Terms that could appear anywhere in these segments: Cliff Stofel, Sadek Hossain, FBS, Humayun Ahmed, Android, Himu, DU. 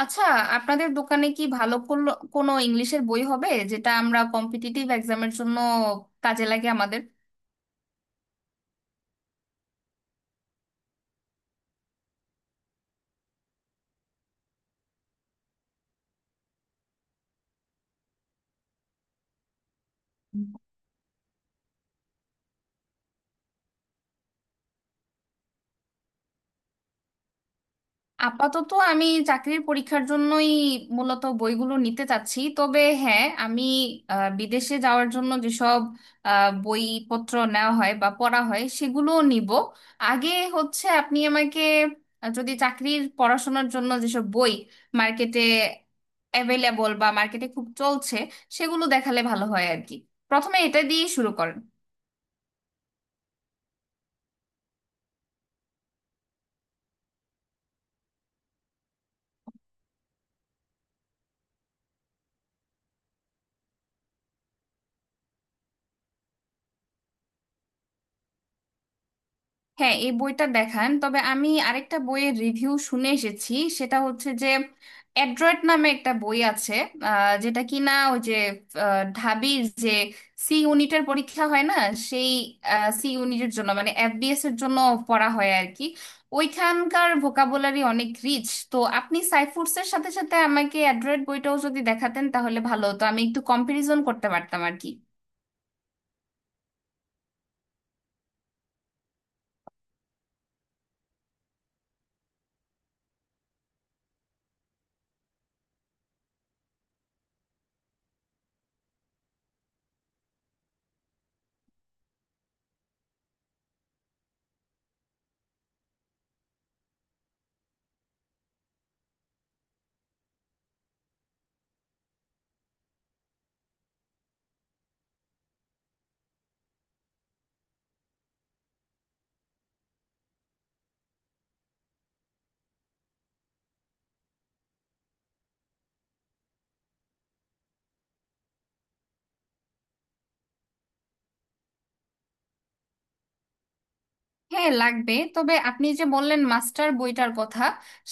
আচ্ছা, আপনাদের দোকানে কি ভালো কোনো ইংলিশের বই হবে যেটা আমরা কম্পিটিটিভ এক্সামের জন্য কাজে লাগে আমাদের? আপাতত আমি চাকরির পরীক্ষার জন্যই মূলত বইগুলো নিতে চাচ্ছি, তবে হ্যাঁ আমি বিদেশে যাওয়ার জন্য যেসব বইপত্র নেওয়া হয় বা পড়া হয় সেগুলোও নিব আগে। হচ্ছে আপনি আমাকে যদি চাকরির পড়াশোনার জন্য যেসব বই মার্কেটে অ্যাভেলেবল বা মার্কেটে খুব চলছে সেগুলো দেখালে ভালো হয় আর কি। প্রথমে এটা দিয়ে শুরু করেন। হ্যাঁ, এই বইটা দেখান, তবে আমি আরেকটা বইয়ের রিভিউ শুনে এসেছি। সেটা হচ্ছে যে অ্যাড্রয়েড নামে একটা বই আছে, যেটা কিনা ওই যে ঢাবির যে সি ইউনিটের পরীক্ষা হয় না, সেই সি ইউনিটের জন্য মানে এফবিএস এর জন্য পড়া হয় আর কি। ওইখানকার ভোকাবুলারি অনেক রিচ। তো আপনি সাইফুডসের সাথে সাথে আমাকে অ্যাড্রয়েড বইটাও যদি দেখাতেন তাহলে ভালো হতো, আমি একটু কম্পারিজন করতে পারতাম আর কি। হ্যাঁ, লাগবে। তবে আপনি যে বললেন মাস্টার বইটার কথা,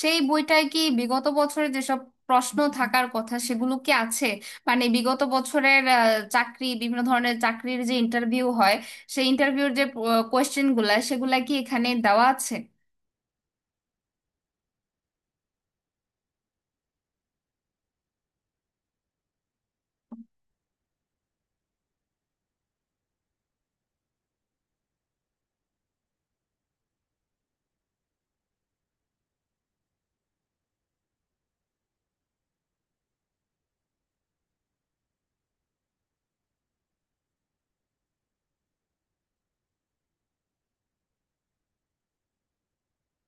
সেই বইটায় কি বিগত বছরের যেসব প্রশ্ন থাকার কথা সেগুলো কি আছে? মানে বিগত বছরের চাকরি, বিভিন্ন ধরনের চাকরির যে ইন্টারভিউ হয়, সেই ইন্টারভিউর যে কোয়েশ্চেন গুলা সেগুলা কি এখানে দেওয়া আছে?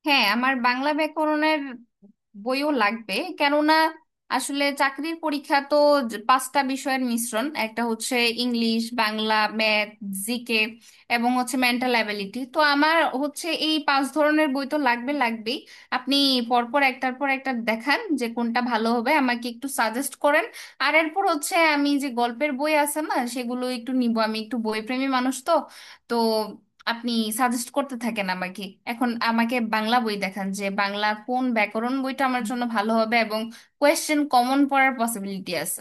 হ্যাঁ, আমার বাংলা ব্যাকরণের বইও লাগবে। কেননা আসলে চাকরির পরীক্ষা তো পাঁচটা বিষয়ের মিশ্রণ। একটা হচ্ছে ইংলিশ, বাংলা, ম্যাথ, জিকে এবং হচ্ছে মেন্টাল অ্যাবিলিটি। তো আমার হচ্ছে এই পাঁচ ধরনের বই তো লাগবে লাগবেই। আপনি পরপর একটার পর একটা দেখান যে কোনটা ভালো হবে, আমাকে একটু সাজেস্ট করেন। আর এরপর হচ্ছে আমি যে গল্পের বই আছে না সেগুলো একটু নিব, আমি একটু বইপ্রেমী মানুষ তো। তো আপনি সাজেস্ট করতে থাকেন আমাকে। এখন আমাকে বাংলা বই দেখান, যে বাংলা কোন ব্যাকরণ বইটা আমার জন্য ভালো হবে এবং কোয়েশ্চেন কমন পড়ার পসিবিলিটি আছে।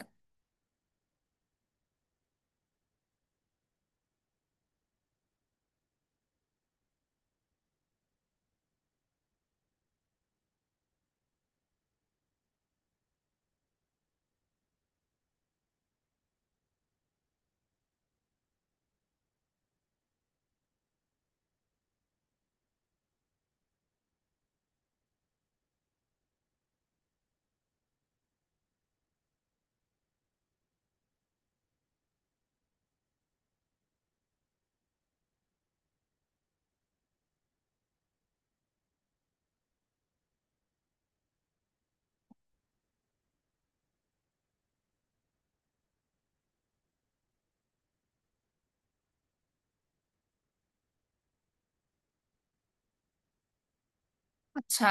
আচ্ছা,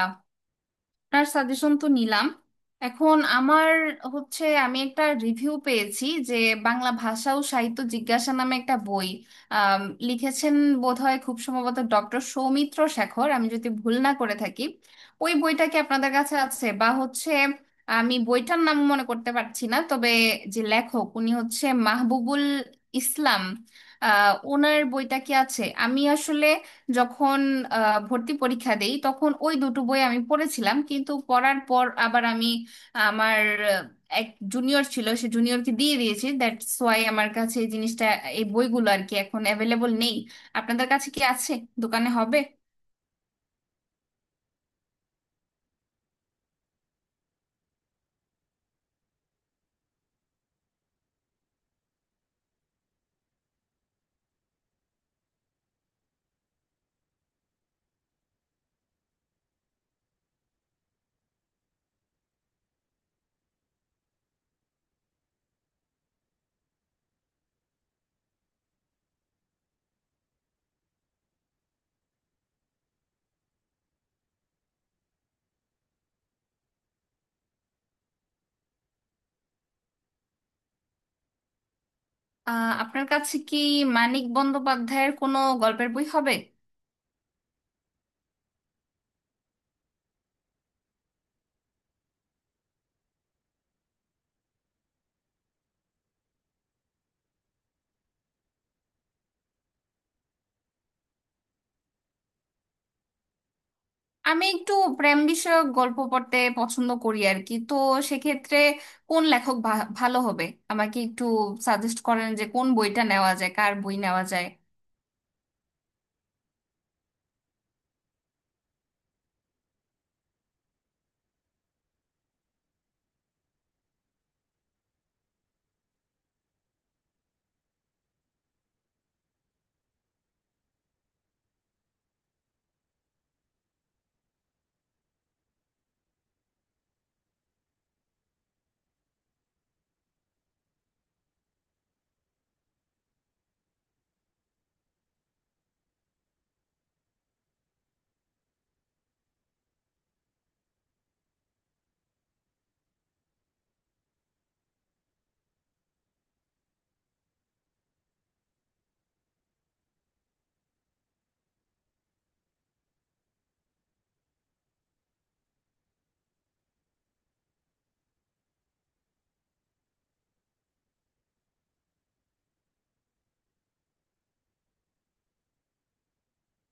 আপনার সাজেশন তো নিলাম। এখন আমার হচ্ছে, আমি একটা রিভিউ পেয়েছি যে বাংলা ভাষা ও সাহিত্য জিজ্ঞাসা নামে একটা বই আম, লিখেছেন বোধহয় খুব সম্ভবত ডক্টর সৌমিত্র শেখর, আমি যদি ভুল না করে থাকি। ওই বইটা কি আপনাদের কাছে আছে বা হচ্ছে? আমি বইটার নাম মনে করতে পারছি না, তবে যে লেখক উনি হচ্ছে মাহবুবুল ইসলাম, আহ ওনার বইটা কি আছে? আমি আসলে যখন ভর্তি পরীক্ষা দেই তখন ওই দুটো বই আমি পড়েছিলাম, কিন্তু পড়ার পর আবার আমি আমার আহ, এক জুনিয়র ছিল, সে জুনিয়রকে দিয়ে দিয়েছি। দ্যাটস ওয়াই আমার কাছে এই জিনিসটা, এই বইগুলো আর কি এখন অ্যাভেলেবল নেই। আপনাদের কাছে কি আছে? দোকানে হবে? আপনার কাছে কি মানিক বন্দ্যোপাধ্যায়ের কোনো গল্পের বই হবে? আমি একটু প্রেম বিষয়ক গল্প পড়তে পছন্দ করি আর কি। তো সেক্ষেত্রে কোন লেখক ভালো হবে? আমাকে একটু সাজেস্ট করেন যে কোন বইটা নেওয়া যায়, কার বই নেওয়া যায়।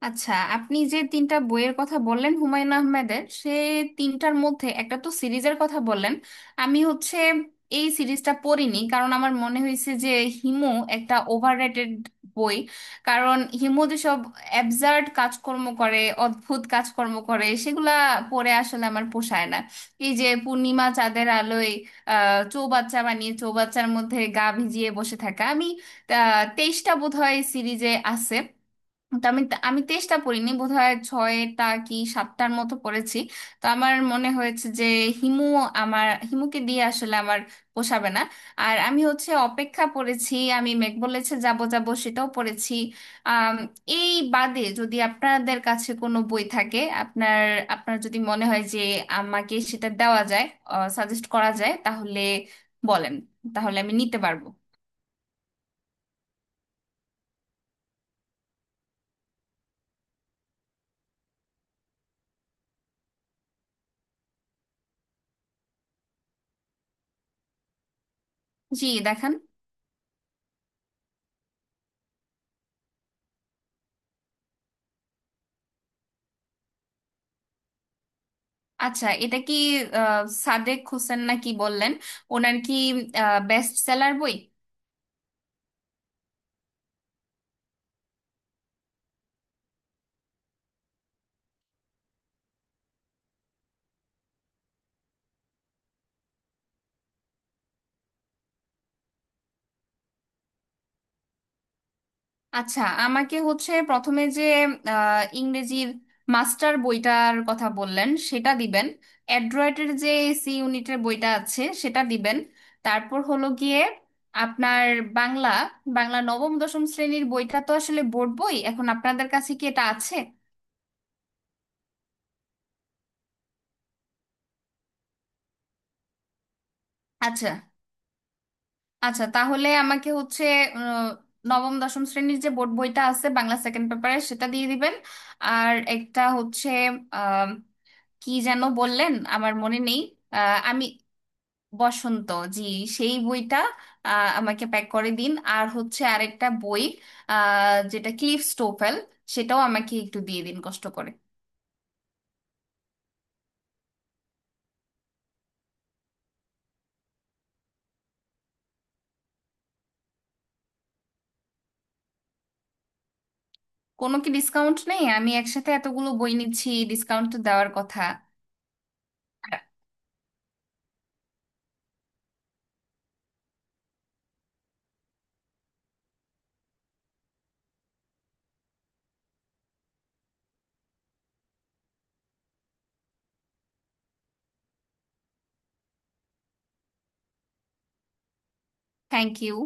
আচ্ছা, আপনি যে তিনটা বইয়ের কথা বললেন হুমায়ুন আহমেদের, সে তিনটার মধ্যে একটা তো সিরিজের কথা বললেন। আমি হচ্ছে এই সিরিজটা পড়িনি, কারণ আমার মনে হয়েছে যে হিমু একটা ওভাররেটেড বই। কারণ হিমু যেসব অ্যাবসার্ড কাজকর্ম করে, অদ্ভুত কাজকর্ম করে সেগুলা পড়ে আসলে আমার পোষায় না। এই যে পূর্ণিমা চাঁদের আলোয় আহ চৌবাচ্চা বানিয়ে চৌবাচ্চার মধ্যে গা ভিজিয়ে বসে থাকা। আমি 23টা বোধহয় সিরিজে আছে, তো আমি আমি তেষ্টা পড়িনি, বোধহয় ছয়টা কি সাতটার মতো পড়েছি। তো আমার মনে হয়েছে যে হিমু, আমার হিমুকে দিয়ে আসলে আমার পোষাবে না। আর আমি হচ্ছে অপেক্ষা পড়েছি, আমি মেঘ বলেছে যাব যাব সেটাও পড়েছি। আম, এই বাদে যদি আপনাদের কাছে কোনো বই থাকে, আপনার আপনার যদি মনে হয় যে আমাকে সেটা দেওয়া যায়, সাজেস্ট করা যায় তাহলে বলেন, তাহলে আমি নিতে পারবো। জি, দেখান। আচ্ছা, এটা কি সাদেক হোসেন নাকি বললেন? ওনার কি বেস্ট সেলার বই? আচ্ছা, আমাকে হচ্ছে প্রথমে যে ইংরেজির মাস্টার বইটার কথা বললেন সেটা দিবেন। অ্যাড্রয়েডের যে সি ইউনিটের বইটা আছে সেটা দিবেন। তারপর হলো গিয়ে আপনার বাংলা বাংলা নবম দশম শ্রেণীর বইটা তো আসলে বোর্ড বই। এখন আপনাদের কাছে কি এটা আছে? আচ্ছা, আচ্ছা তাহলে আমাকে হচ্ছে আহ, নবম দশম শ্রেণীর যে বোর্ড বইটা আছে বাংলা সেকেন্ড পেপারে সেটা দিয়ে দিবেন। আর একটা হচ্ছে, আম, কি যেন বললেন আমার মনে নেই। আমি বসন্ত, জি সেই বইটা আমাকে প্যাক করে দিন। আর হচ্ছে আরেকটা বই যেটা ক্লিফ স্টোফেল, সেটাও আমাকে একটু দিয়ে দিন কষ্ট করে। কোনো কি ডিসকাউন্ট নেই? আমি একসাথে এতগুলো বই নিচ্ছি, ডিসকাউন্ট তো দেওয়ার কথা। Thank you.